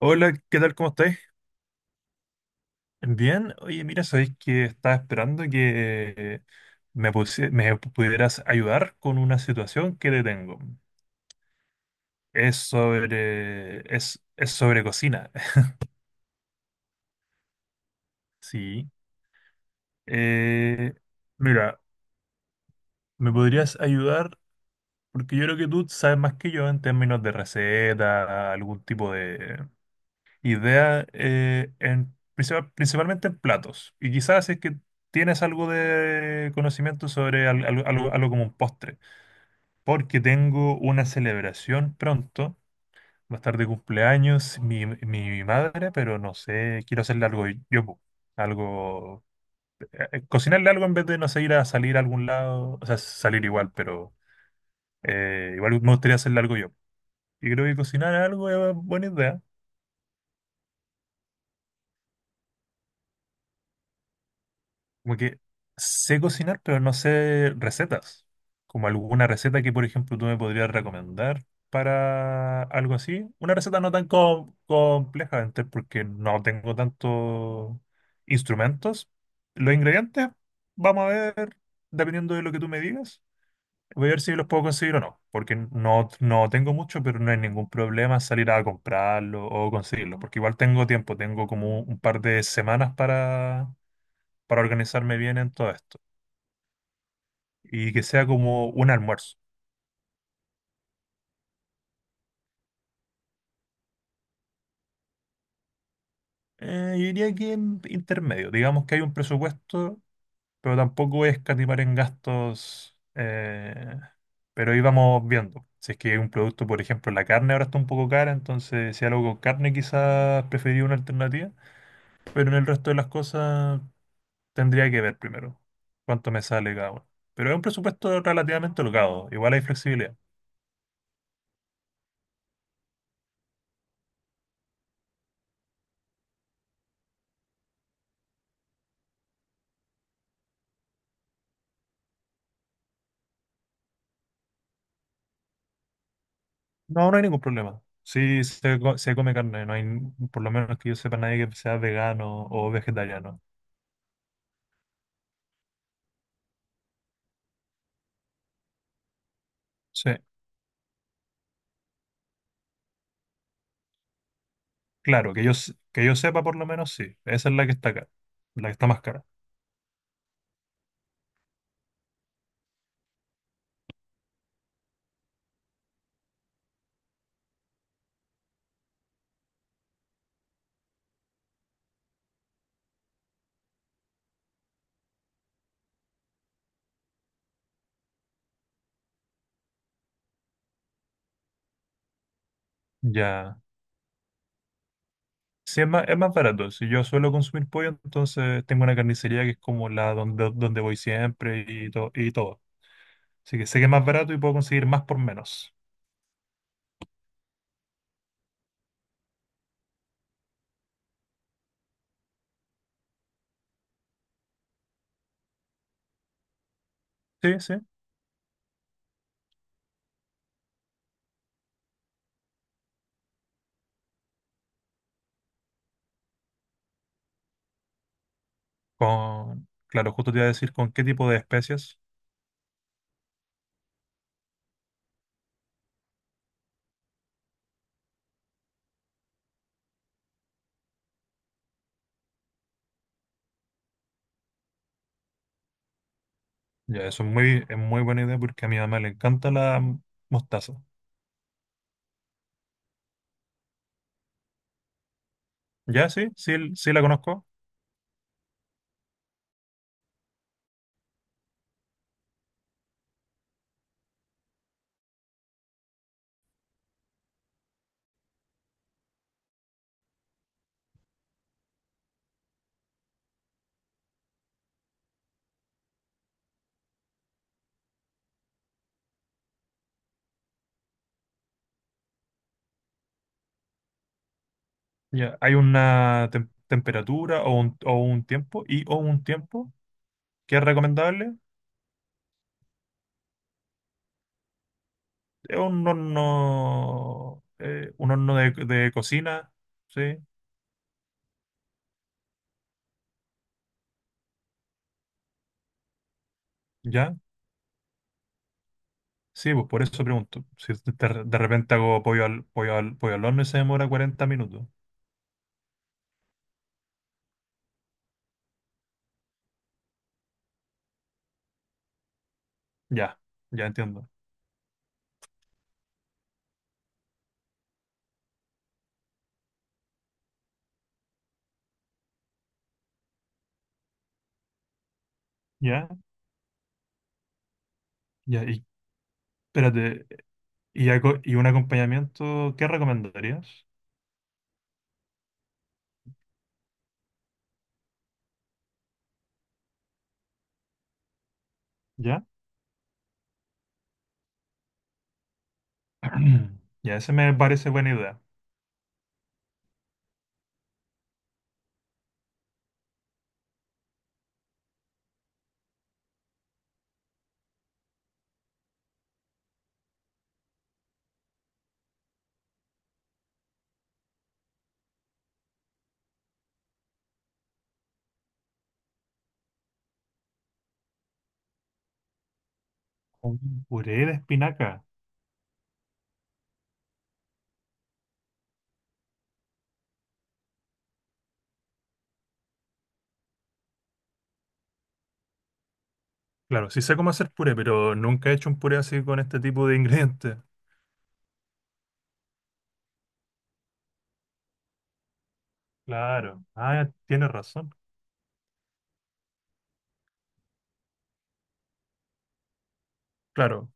Hola, ¿qué tal? ¿Cómo estáis? Bien, oye, mira, sabéis que estaba esperando que me pudieras ayudar con una situación que te tengo. Es sobre cocina. Sí. Eh, mira, ¿me podrías ayudar? Porque yo creo que tú sabes más que yo en términos de receta, algún tipo de idea, principalmente en platos. Y quizás si es que tienes algo de conocimiento sobre algo como un postre, porque tengo una celebración pronto. Va a estar de cumpleaños mi madre, pero no sé, quiero hacerle algo yo, po. Algo, cocinarle algo en vez de, no sé, ir a salir a algún lado, o sea, salir igual, pero igual me gustaría hacerle algo yo. Y creo que cocinar algo es buena idea. Como que sé cocinar, pero no sé recetas. Como alguna receta que, por ejemplo, tú me podrías recomendar para algo así. Una receta no tan compleja, porque no tengo tantos instrumentos. Los ingredientes, vamos a ver, dependiendo de lo que tú me digas, voy a ver si los puedo conseguir o no. Porque no tengo mucho, pero no hay ningún problema salir a comprarlo o conseguirlo. Porque igual tengo tiempo, tengo como un par de semanas para organizarme bien en todo esto y que sea como un almuerzo. Yo diría que en intermedio, digamos que hay un presupuesto, pero tampoco voy a escatimar en gastos, pero ahí vamos viendo. Si es que hay un producto, por ejemplo, la carne ahora está un poco cara, entonces si algo con carne quizás preferiría una alternativa, pero en el resto de las cosas tendría que ver primero cuánto me sale cada uno. Pero es un presupuesto relativamente holgado, igual hay flexibilidad. No, no hay ningún problema. Sí, se come carne, no hay, por lo menos que yo sepa, nadie que sea vegano o vegetariano. Sí, claro, que yo sepa, por lo menos sí. Esa es la que está acá, la que está más cara. Ya. Sí, es más barato. Si yo suelo consumir pollo, entonces tengo una carnicería que es como la donde voy siempre y, y todo. Así que sé que es más barato y puedo conseguir más por menos. Sí, sí. Con, claro, justo te iba a decir con qué tipo de especias. Ya, eso es es muy buena idea porque a mi mamá le encanta la mostaza. Ya, sí, sí, sí la conozco. Ya, hay una temperatura o un tiempo y o un tiempo que es recomendable. Es un horno de cocina, sí, ya. Sí, pues por eso pregunto. Si de repente hago pollo al horno y se demora 40 minutos. Ya, ya entiendo. Ya, ya, y espérate, y, y un acompañamiento, ¿qué recomendarías? ¿Ya? Ya, ese me parece buena idea. Un puré de espinaca. Claro, sí sé cómo hacer puré, pero nunca he hecho un puré así con este tipo de ingredientes. Claro. Ah, tienes razón. Claro,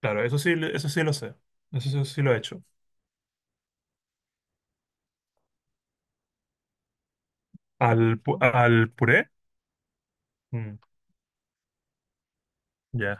claro, eso sí lo sé. Eso sí, sí lo he hecho. ¿Al, al puré? Mm, ya,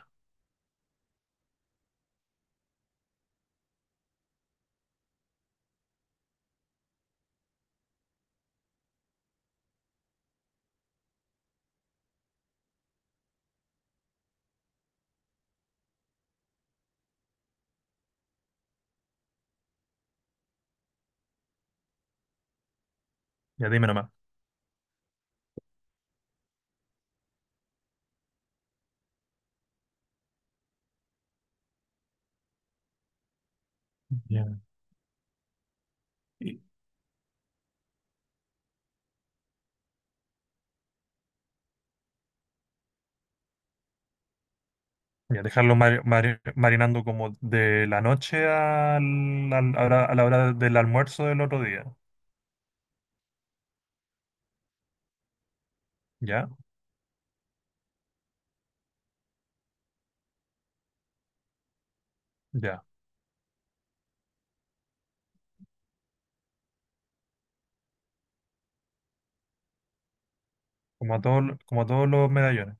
ya dime nomás. Ya. Y, ya, dejarlo marinando como de la noche a a la hora del almuerzo del otro día. ¿Ya? Ya. Como a todos los medallones.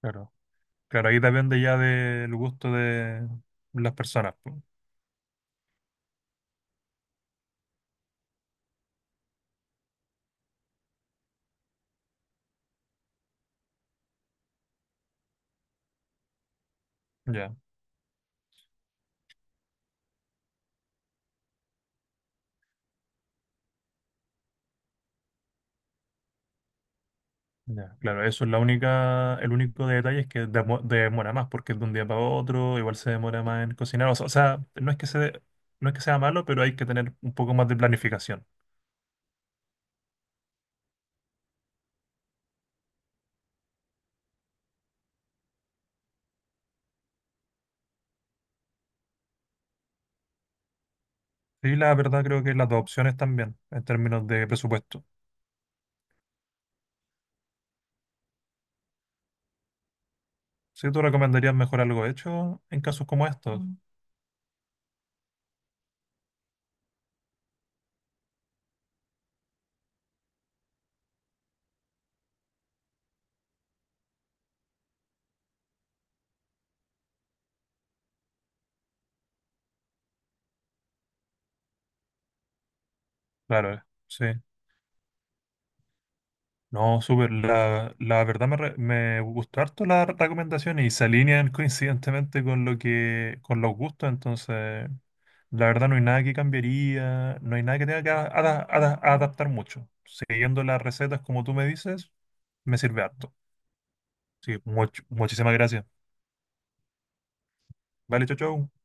Claro. Claro, ahí depende ya del gusto de las personas. Po. Ya, ya. Claro, eso es la única, el único detalle es que demora más, porque es de un día para otro, igual se demora más en cocinar. O sea, no es que se, no es que sea malo, pero hay que tener un poco más de planificación. Y la verdad creo que las dos opciones también, en términos de presupuesto. Sí, tú recomendarías mejor algo hecho en casos como estos. Mm. Claro, sí. No, súper. La verdad me gustó harto la recomendación y se alinean coincidentemente con lo que, con los gustos, entonces la verdad no hay nada que cambiaría, no hay nada que tenga que adaptar mucho. Siguiendo las recetas como tú me dices, me sirve harto. Sí, muchísimas gracias. Vale, chau, chau.